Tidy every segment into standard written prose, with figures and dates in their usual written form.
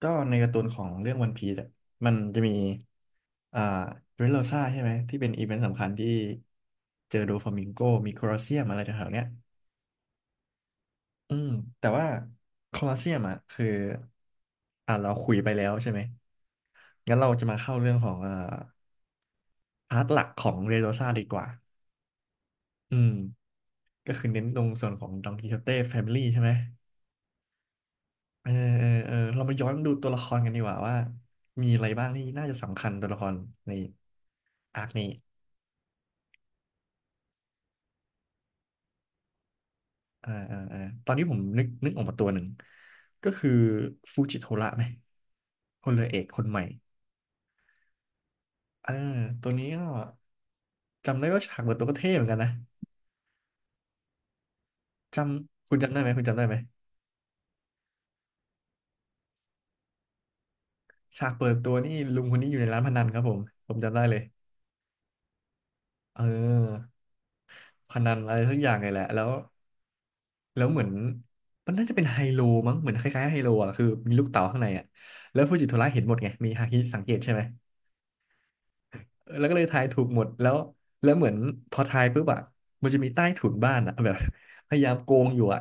ก็ในการ์ตูนของเรื่องวันพีซอะมันจะมีอ่าเดรสโรซ่าใช่ไหมที่เป็นอีเวนต์สำคัญที่เจอโดฟลามิงโกมีโคลอสเซียมอะไรแถวๆเนี้ยอืมแต่ว่าโคลอสเซียมอ่ะคือเราคุยไปแล้วใช่ไหมงั้นเราจะมาเข้าเรื่องของพาร์ทหลักของเดรสโรซ่าดีกว่าอืมก็คือเน้นตรงส่วนของดองกิโชเต้แฟมิลี่ใช่ไหมเออเออเรามาย้อนดูตัวละครกันดีกว่าว่ามีอะไรบ้างที่น่าจะสำคัญตัวละครในอาร์คนี้ อ่าตอนนี้ผมนึกออกมาตัวหนึ่งก็คือฟูจิโทระไหมพลเรือเอกคนใหม่อ่าตัวนี้ก็จำได้ว่าฉากเปิดตัวก็เท่เหมือนกันนะจำคุณจำได้ไหมฉากเปิดตัวนี่ลุงคนนี้อยู่ในร้านพนันครับผมผมจำได้เลยเออพนันอะไรสักอย่างเลยแหละแล้วเหมือนมันน่าจะเป็นไฮโลมั้งเหมือนคล้ายๆไฮโลอ่ะคือมีลูกเต๋าข้างในอ่ะแล้วฟูจิโทระเห็นหมดไงมีฮาคิสังเกตใช่ไหม แล้วก็เลยทายถูกหมดแล้วแล้วเหมือนพอทายปุ๊บอะมันจะมีใต้ถุนบ้านอะ แบบ พยายามโกงอยู่อะ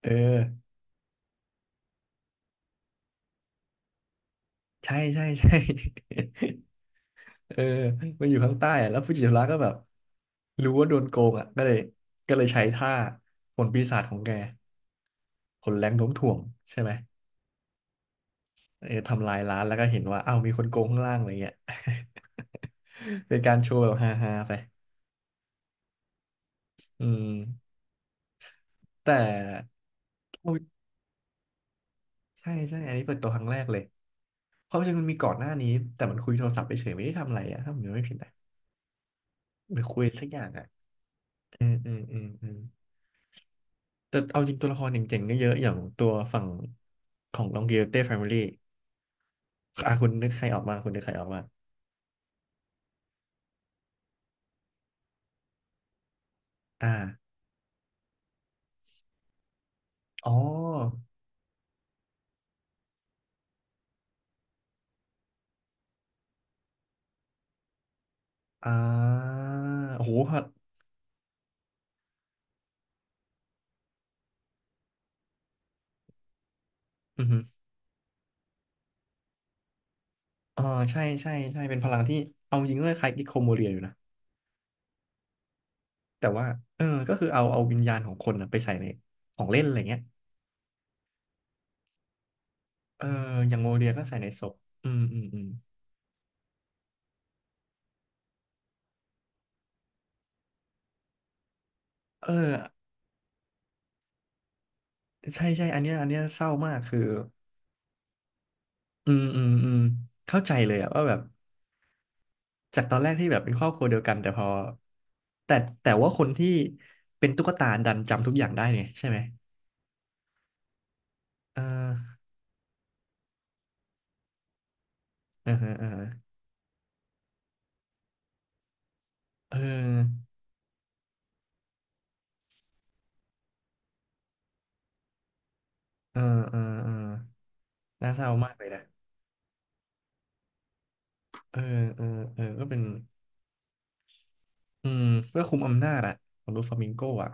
เออใช่ใช่ใช่ เออมันอยู่ข้างใต้อะแล้วฟูจิโทระก็แบบรู้ว่าโดนโกงอะก็เลยใช้ท่าผลปีศาจของแกผลแรงโน้มถ่วงใช่ไหมเออทำลายร้านแล้วก็เห็นว่าอ้าวมีคนโกงข้างล่างอะไรเงี้ย เป็นการโชว์แบบฮาๆไปอืมแต่ ใช่ใช่ อันนี้เปิดตัวครั้งแรกเลยความจริงมันมีก่อนหน้านี้ แต่มันคุยโทรศัพท์ไปเฉยไม่ได้ทำอะไรอะถ้าผมจำไม่ผิดนะหรือคุยสักอย่างอะเอืมอืมอืมอืแต่เอาจริงตัวละครเจ๋งๆก็เยอะ อย่างตัวฝั่งของลองกิ i เต้แฟมิลี่อ่ะคุณนึกใครออกมา คุณนึกใครออกมา อ่าอ๋ออ่าโอ้โหพออือหืออ่าใช่ใช่ใช่เป็นพลังที่เอาจริงก็คล้ายกิโคโมเรียอยู่นะแต่ว่าเออก็คือเอาวิญญาณของคนนะไปใส่ในของเล่นอะไรเงี้ย เอออย่างโมเรียก็ใส่ในศพอืมเออใช่ใช่อันเนี้ยเศร้ามากคืออืมเข้าใจเลยอะว่าแบบจากตอนแรกที่แบบเป็นครอบครัวเดียวกันแต่พอแต่แต่ว่าคนที่เป็นตุ๊กตาดันจำทุกอย่างได้เนี่ยใช่ไหมเออเออเออเออเออเออเออน่าเศร้ามากเลยนะเออเออเออก็เป็นอืมเพื่อคุมอำนาจอะของลูฟลามิงโกอะ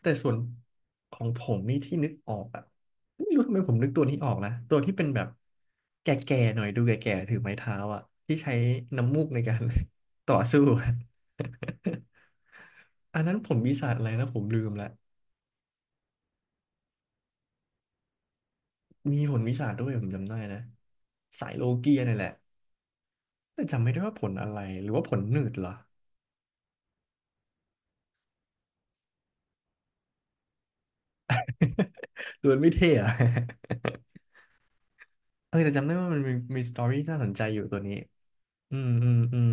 แต่ส่วนของผมนี่ที่นึกออกอะไม่รู้ทำไมผมนึกตัวนี้ออกนะตัวที่เป็นแบบแก่ๆหน่อยดูแก่ๆถือไม้เท้าอะที่ใช้น้ำมูกในการ ต่อสู้อะ อันนั้นผมวิชาอะไรนะผมลืมละมีผลวิชาด้วยผมจำได้นะสายโลเกียนี่แหละแต่จำไม่ได้ว่าผลอะไรหรือว่าผลหนืดเหรอ ตัวมันไม่เท่อะ เออแต่จำได้ว่ามันมีสตอรี่น่าสนใจอยู่ตัวนี้อืม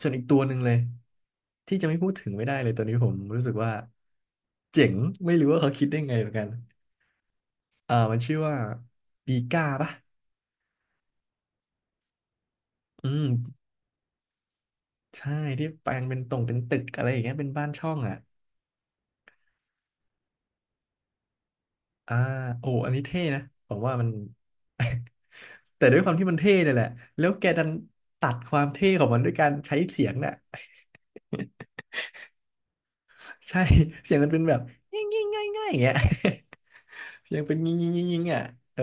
ส่วนอีกตัวหนึ่งเลยที่จะไม่พูดถึงไม่ได้เลยตัวนี้ผมรู้สึกว่าเจ๋งไม่รู้ว่าเขาคิดได้ไงเหมือนกันมันชื่อว่าปีก้าปะอืมใช่ที่แปลงเป็นตรงเป็นตึกอะไรอย่างเงี้ยเป็นบ้านช่องอ่ะอ่าโอ้อันนี้เท่นะผมว่ามัน แต่ด้วยความที่มันเท่เนี่ยแหละแล้วแกดันตัดความเท่ของมันด้วยการใช้เสียงน่ะ ใช่ เสียงมันเป็นแบบง่ายง่ายง่ายง่ายอย่างเงี้ย เสียงเป็นงิ่งงิ่งงิ่งงิ่งอ่ะเออ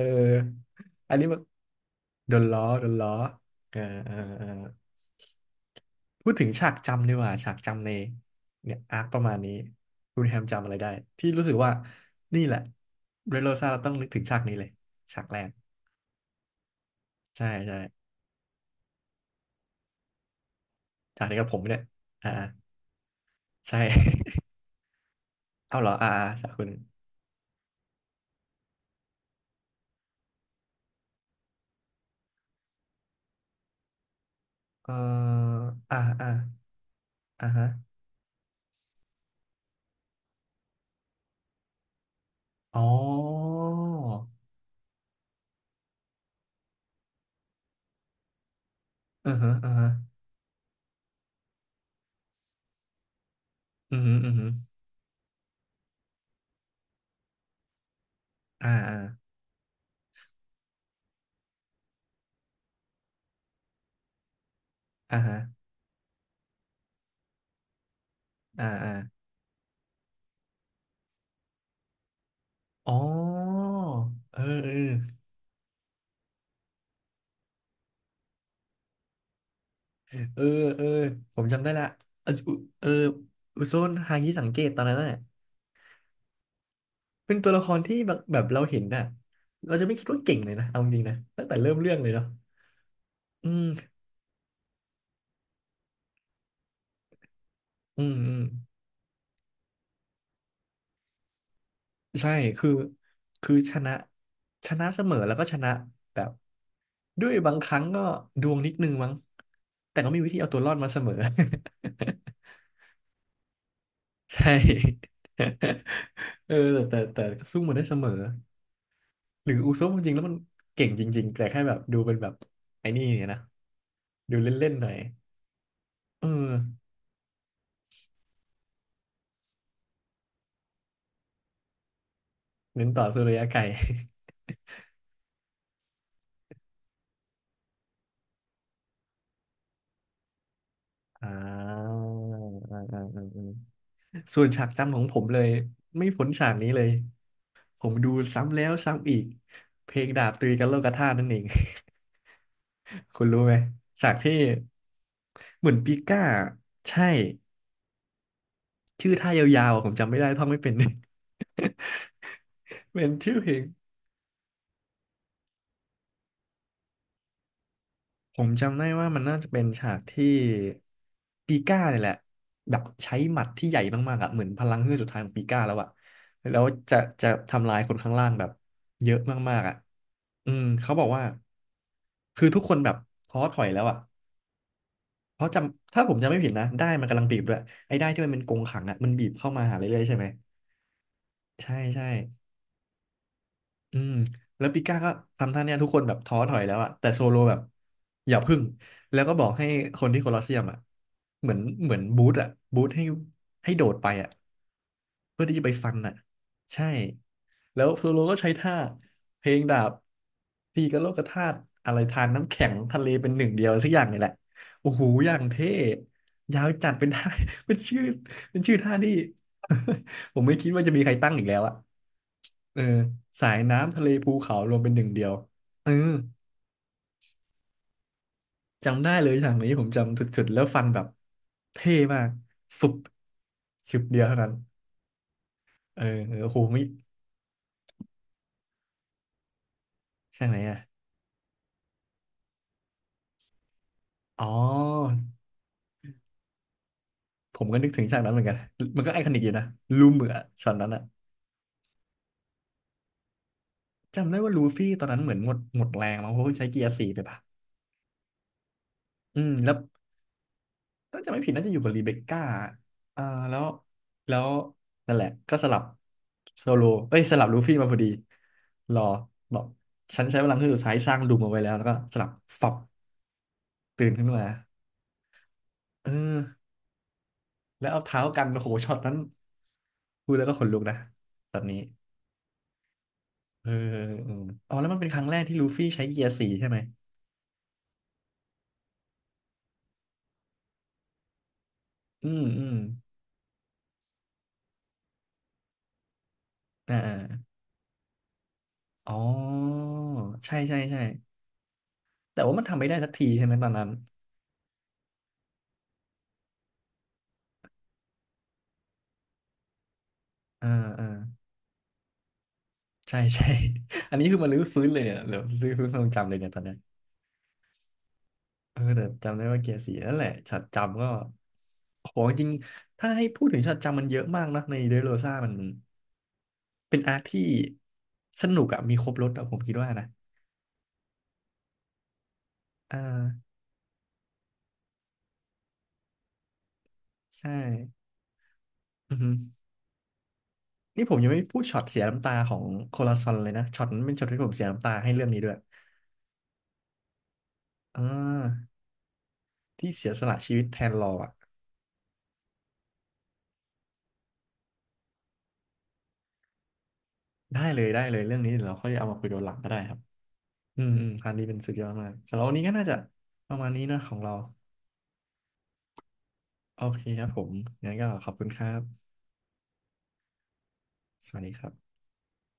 อันนี้มันโดนล้อเออพูดถึงฉากจำดีกว่าฉากจำในเนี่ยอาร์คประมาณนี้คุณแฮมจำอะไรได้ที่รู้สึกว่านี่แหละเรโรซาเราต้องนึกถึงฉากนี้เลยฉากแรกใช่ใช่ฉากนี้กับผมเนี่ยอ่าอ่าใช่ เอาเหรออ่าอ่าฉากคุณเอออ่าอ่าฮะ อ๋ออือฮะอือฮึอ่าอ่าฮะอ่าอ๋อเออเออเออเออผมจำได้ละเอะอุเอออุโซนฮางิสังเกตตอนนั้นน่ะ เป็นตัวละครที่แบบเราเห็นน่ะเราจะไม่คิดว่าเก่งเลยนะเอาจริงๆนะ ตั้งแต่เริ่มเรื่องเลยเนาะอืมอืม ใช่คือชนะชนะเสมอแล้วก็ชนะแบบ ด้วยบางครั้งก็ดวงนิดนึงมั้งแต่ก็มีวิธีเอาตัวรอดมาเสมอ ใช่ เออแต่ก็สู้มาได้เสมอ หรืออุซบจริงๆแล้วมันเก่งจริงๆ แต่แค่แบบดูเป็นแบบไอ้นี่เนี่ยนะ ดูเล่นๆหน่อยเออเน้นต่อสู้ระยะไกล อ่าอ่าอ่าอ่าอ่าส่วนฉากจำของผมเลยไม่พ้นฉากนี้เลย ผมดูซ้ำแล้วซ้ำอีกเพลงดาบตีกันโลกธาตุนั่นเอง คุณรู้ไหมฉากที่เหมือนปิก้าใช่ชื่อท่ายาวๆอะผมจำไม่ได้ท่องไม่เป็น เป็นชื่อเพลงผมจำได้ว่ามันน่าจะเป็นฉากที่ปีก้าเนี่ยแหละแบบใช้หมัดที่ใหญ่มากๆอ่ะเหมือนพลังเฮือกสุดท้ายของปีก้าแล้วอ่ะแล้วจะจะทำลายคนข้างล่างแบบเยอะมากๆอ่ะอืมเขาบอกว่าคือทุกคนแบบท้อถอยแล้วอ่ะ เพราะจำถ้าผมจำไม่ผิดนะได้มันกำลังบีบด้วยไอ้ได้ที่มันเป็นกรงขังอ่ะมันบีบเข้ามาหาเรื่อยๆใช่ไหมใช่ใช่ อืมแล้วปิก้าก็ทำท่าเนี้ยทุกคนแบบท้อถอยแล้วอะแต่โซโลแบบอย่าพึ่งแล้วก็บอกให้คนที่โคลอสเซียมอะเหมือนเหมือนบูธอะบูธให้โดดไปอะเพื่อที่จะไปฟันอะใช่แล้วโซโลก็ใช้ท่าเพลงดาบตีกับโลกธาตุอะไรทานน้ำแข็งทะเลเป็นหนึ่งเดียวสักอย่างนี่แหละโอ้โหอย่างเท่ยาวจัดเป็นท่า เป็นชื่อเป็นชื่อท่าที่ ผมไม่คิดว่าจะมีใครตั้งอีกแล้วอะ เออสายน้ำทะเลภูเขารวมเป็นหนึ่งเดียวเออจำได้เลยฉากนี้ผมจำสุดๆแล้วฟันแบบเท่มากฟุบชึบเดียวเท่านั้นเออเออโอ้โหมิฉากไหนอ่ะอ๋อผมก็นึกถึงฉากนั้นเหมือนกันมันก็ไอคอนิกอยู่นะลูเหมือช็อตนั้นอ่ะจำได้ว่าลูฟี่ตอนนั้นเหมือนหมดแรงมั้งเพราะว่าใช้เกียร์สี่ไปปะอืมแล้ว ถ้าจะไม่ผิดน่าจะอยู่กับรีเบคก้าอ่าแล้วแล้วนั่นแหละก็สลับโซโลเอ้ยสลับลูฟี่มาพอดี รอบอกฉันใช้พลังเครื่องสุดท้ายสร้างดูมเอาไว้แล้วแล้วก็สลับฝับตื่นขึ้นมา เออแล้วเอาเท้ากันโอ้โหช็อตนั้นพูดแล้วก็ขนลุกนะแบบนี้เออเอออ๋อแล้วมันเป็นครั้งแรกที่ลูฟี่ใช้เกียร์สี่ใช่ไหมอืมอืมอ่าอาอ๋อใช่ใช่ใช่แต่ว่ามันทำไม่ได้สักทีใช่ไหมตอนนั้นอ่าอ่า ใช่ ใช่ อันนี้คือมันรื้อฟื้นเลยเนี่ยหรือรื้อฟื้นความทรงจำเลยเนี่ยตอนเนี้ยเออแต่จำได้ว่าเกียร์สี่นั่นแหละช็อตจำก็โอ้โหจริงๆถ้าให้พูดถึงช็อตจำมันเยอะมากนะในเดโรซ่ามันเป็นอาร์คที่สนุกอะมีครบรสอะผมคิดว่านะ อ่าใช่อือฮึนี่ผมยังไม่พูดช็อตเสียน้ำตาของโคลาซอนเลยนะช็อตนั้นเป็นช็อตที่ผมเสียน้ำตาให้เรื่องนี้ด้วยอ่าที่เสียสละชีวิตแทนรออะได้เลยได้เลยเรื่องนี้เดี๋ยวเราค่อยเอามาคุยตอนหลังก็ได้ครับ อืมอืมอันนี้เป็นสุดยอดมากสำหรับวันนี้ก็น่าจะประมาณนี้นะของเราโอเคครับผมงั้นก็ขอบคุณครับสวัสดีครับ